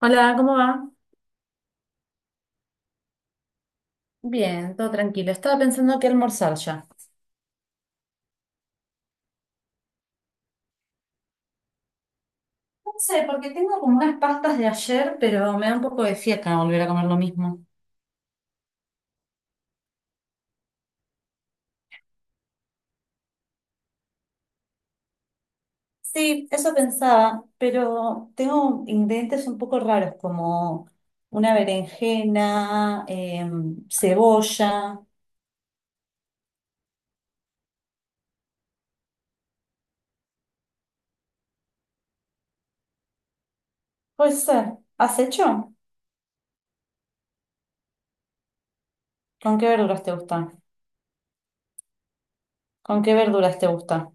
Hola, ¿cómo va? Bien, todo tranquilo. Estaba pensando que almorzar ya. No sé, porque tengo como unas pastas de ayer, pero me da un poco de fiaca volver a comer lo mismo. Sí, eso pensaba, pero tengo ingredientes un poco raros como una berenjena, cebolla. Puede ser. ¿Has hecho? ¿Con qué verduras te gusta? ¿Con qué verduras te gusta?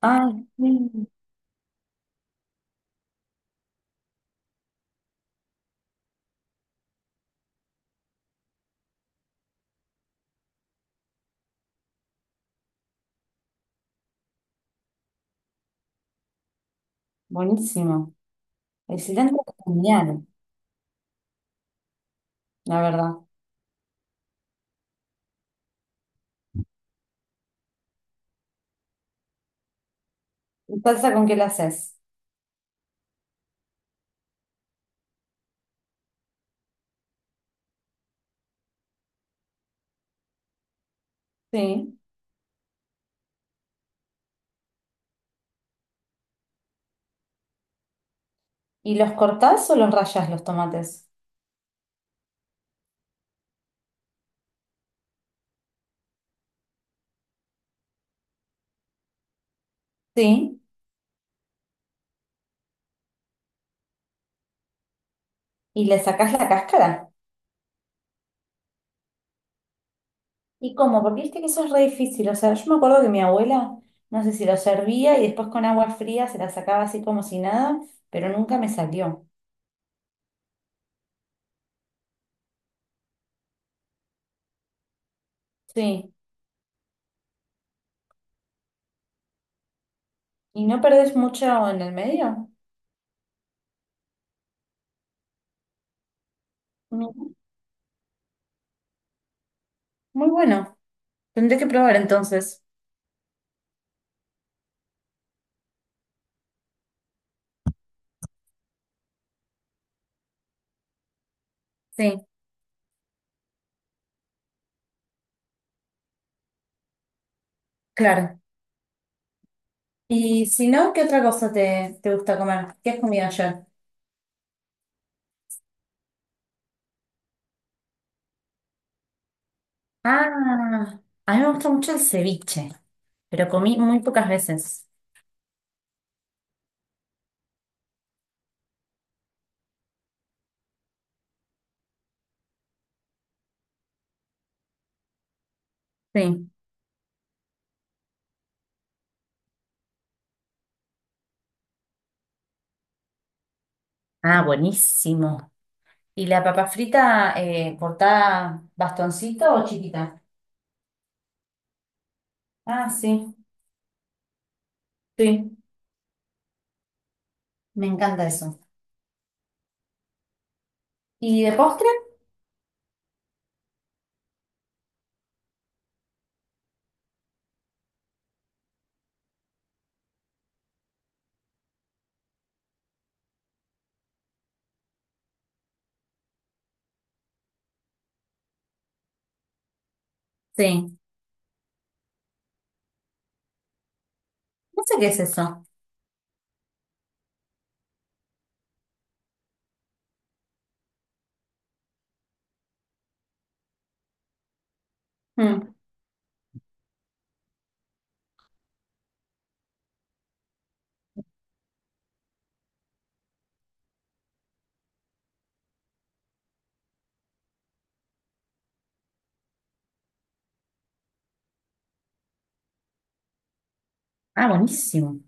Ay, mm, buenísimo. El cilantro es genial, la verdad. ¿Y salsa con qué la haces? Sí. ¿Y los cortás o los rayas los tomates? Sí. ¿Y le sacás la cáscara? ¿Y cómo? Porque viste que eso es re difícil. O sea, yo me acuerdo que mi abuela, no sé si lo servía y después con agua fría se la sacaba así como si nada, pero nunca me salió. Sí. ¿Y no perdés mucho en el medio? No. Muy bueno. Tendré que probar entonces. Sí, claro. Y si no, ¿qué otra cosa te gusta comer? ¿Qué has comido ayer? Ah, a mí me gusta mucho el ceviche, pero comí muy pocas veces. Sí. Ah, buenísimo. ¿Y la papa frita cortada bastoncito o chiquita? Ah, sí, sí, me encanta eso. ¿Y de postre? Sí. No sé qué es eso. Mm. Ah, buenísimo.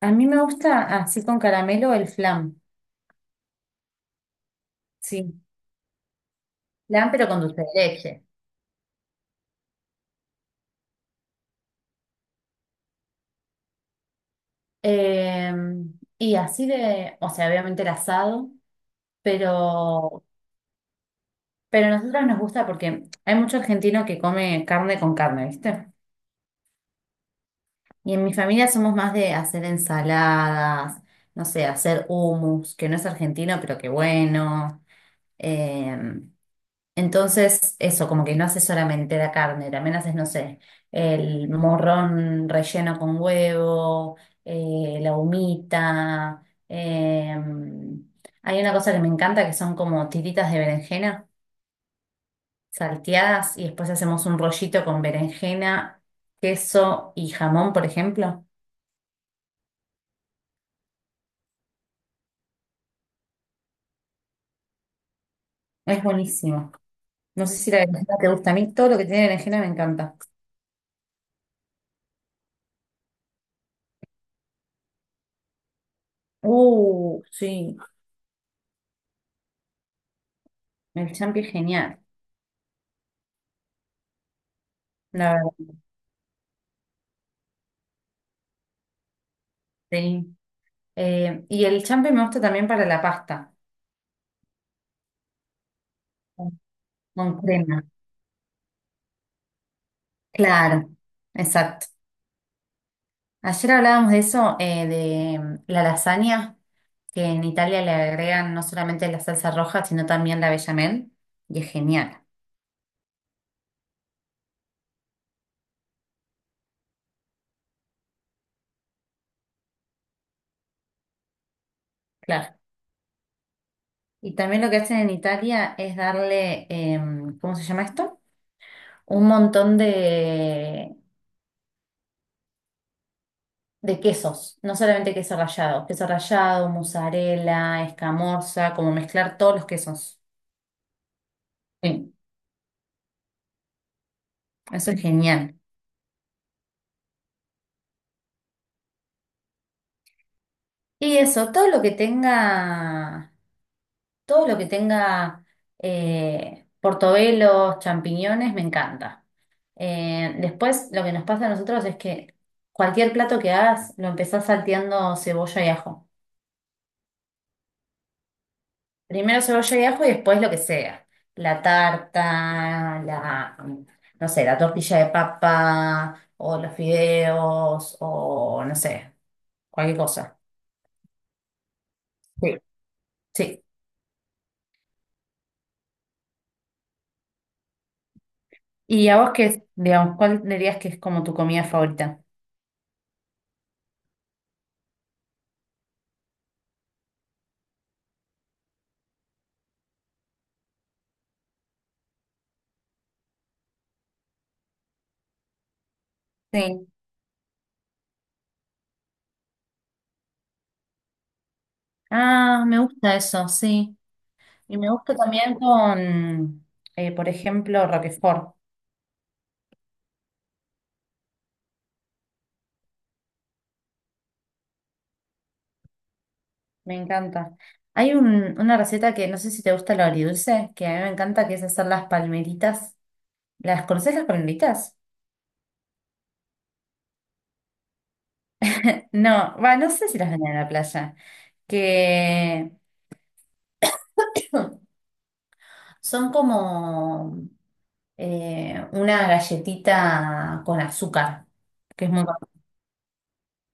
A mí me gusta así con caramelo el flan. Sí, flan pero con dulce de leche. Eh, y así de, o sea, obviamente el asado, pero, pero a nosotros nos gusta porque hay mucho argentino que come carne con carne, ¿viste? Y en mi familia somos más de hacer ensaladas, no sé, hacer hummus, que no es argentino, pero que bueno. Eh, entonces, eso, como que no haces solamente la carne, también haces, no sé, el morrón relleno con huevo, la humita. eh, Hay una cosa que me encanta que son como tiritas de berenjena salteadas y después hacemos un rollito con berenjena, queso y jamón, por ejemplo. Es buenísimo. No sé si la berenjena te gusta. A mí todo lo que tiene berenjena me encanta. Sí. El champi es genial. La verdad, sí. Y el champi me gusta también para la pasta. Con con crema. Claro. Exacto. Ayer hablábamos de eso, de mm, la lasaña, que en Italia le agregan no solamente la salsa roja, sino también la bechamel. Y es genial. Claro. Y también lo que hacen en Italia es darle, ¿cómo se llama esto? Un montón de quesos, no solamente queso rallado, mozzarella, escamorza, como mezclar todos los quesos. Sí, eso es genial. Y eso, todo lo que tenga portobelos, champiñones, me encanta. Después, lo que nos pasa a nosotros es que cualquier plato que hagas, lo empezás salteando cebolla y ajo. Primero cebolla y ajo y después lo que sea. La tarta, la, no sé, la tortilla de papa o los fideos o no sé, cualquier cosa. Sí. Sí. ¿Y a vos qué, digamos, cuál dirías que es como tu comida favorita? Sí. Ah, me gusta eso, sí. Y me gusta también con, por ejemplo, Roquefort. Me encanta. Hay una receta que no sé si te gusta lo agridulce, que a mí me encanta, que es hacer las palmeritas. ¿Las conoces las palmitas? No, va, no sé si las venden en la playa. Que son como una galletita con azúcar, que es muy buena.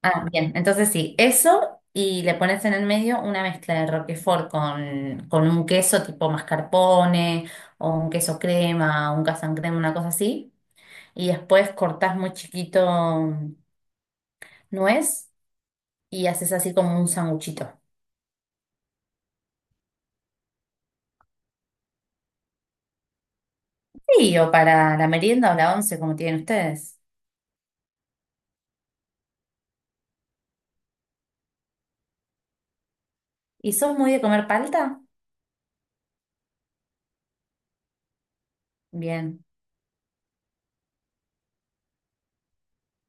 Ah, bien, entonces sí, eso y le pones en el medio una mezcla de Roquefort con un queso tipo mascarpone o un queso crema, un casan crema, una cosa así. Y después cortás muy chiquito nuez y haces así como un sanguchito. Sí, o para la merienda o la once, como tienen ustedes. ¿Y sos muy de comer palta? Bien,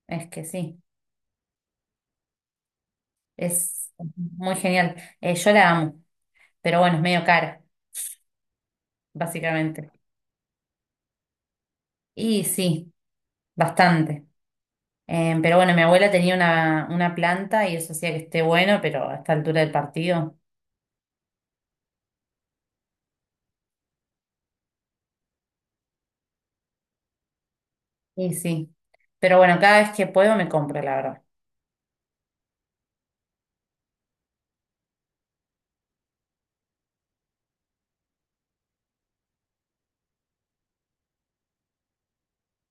es que sí, es muy genial. Yo la amo, pero bueno, es medio cara, básicamente. Y sí, bastante. Pero bueno, mi abuela tenía una planta y eso hacía que esté bueno, pero a esta altura del partido. Y sí. Pero bueno, cada vez que puedo me compro, la verdad.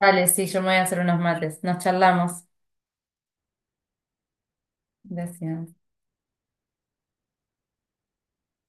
Vale, sí, yo me voy a hacer unos mates. Nos charlamos. Gracias.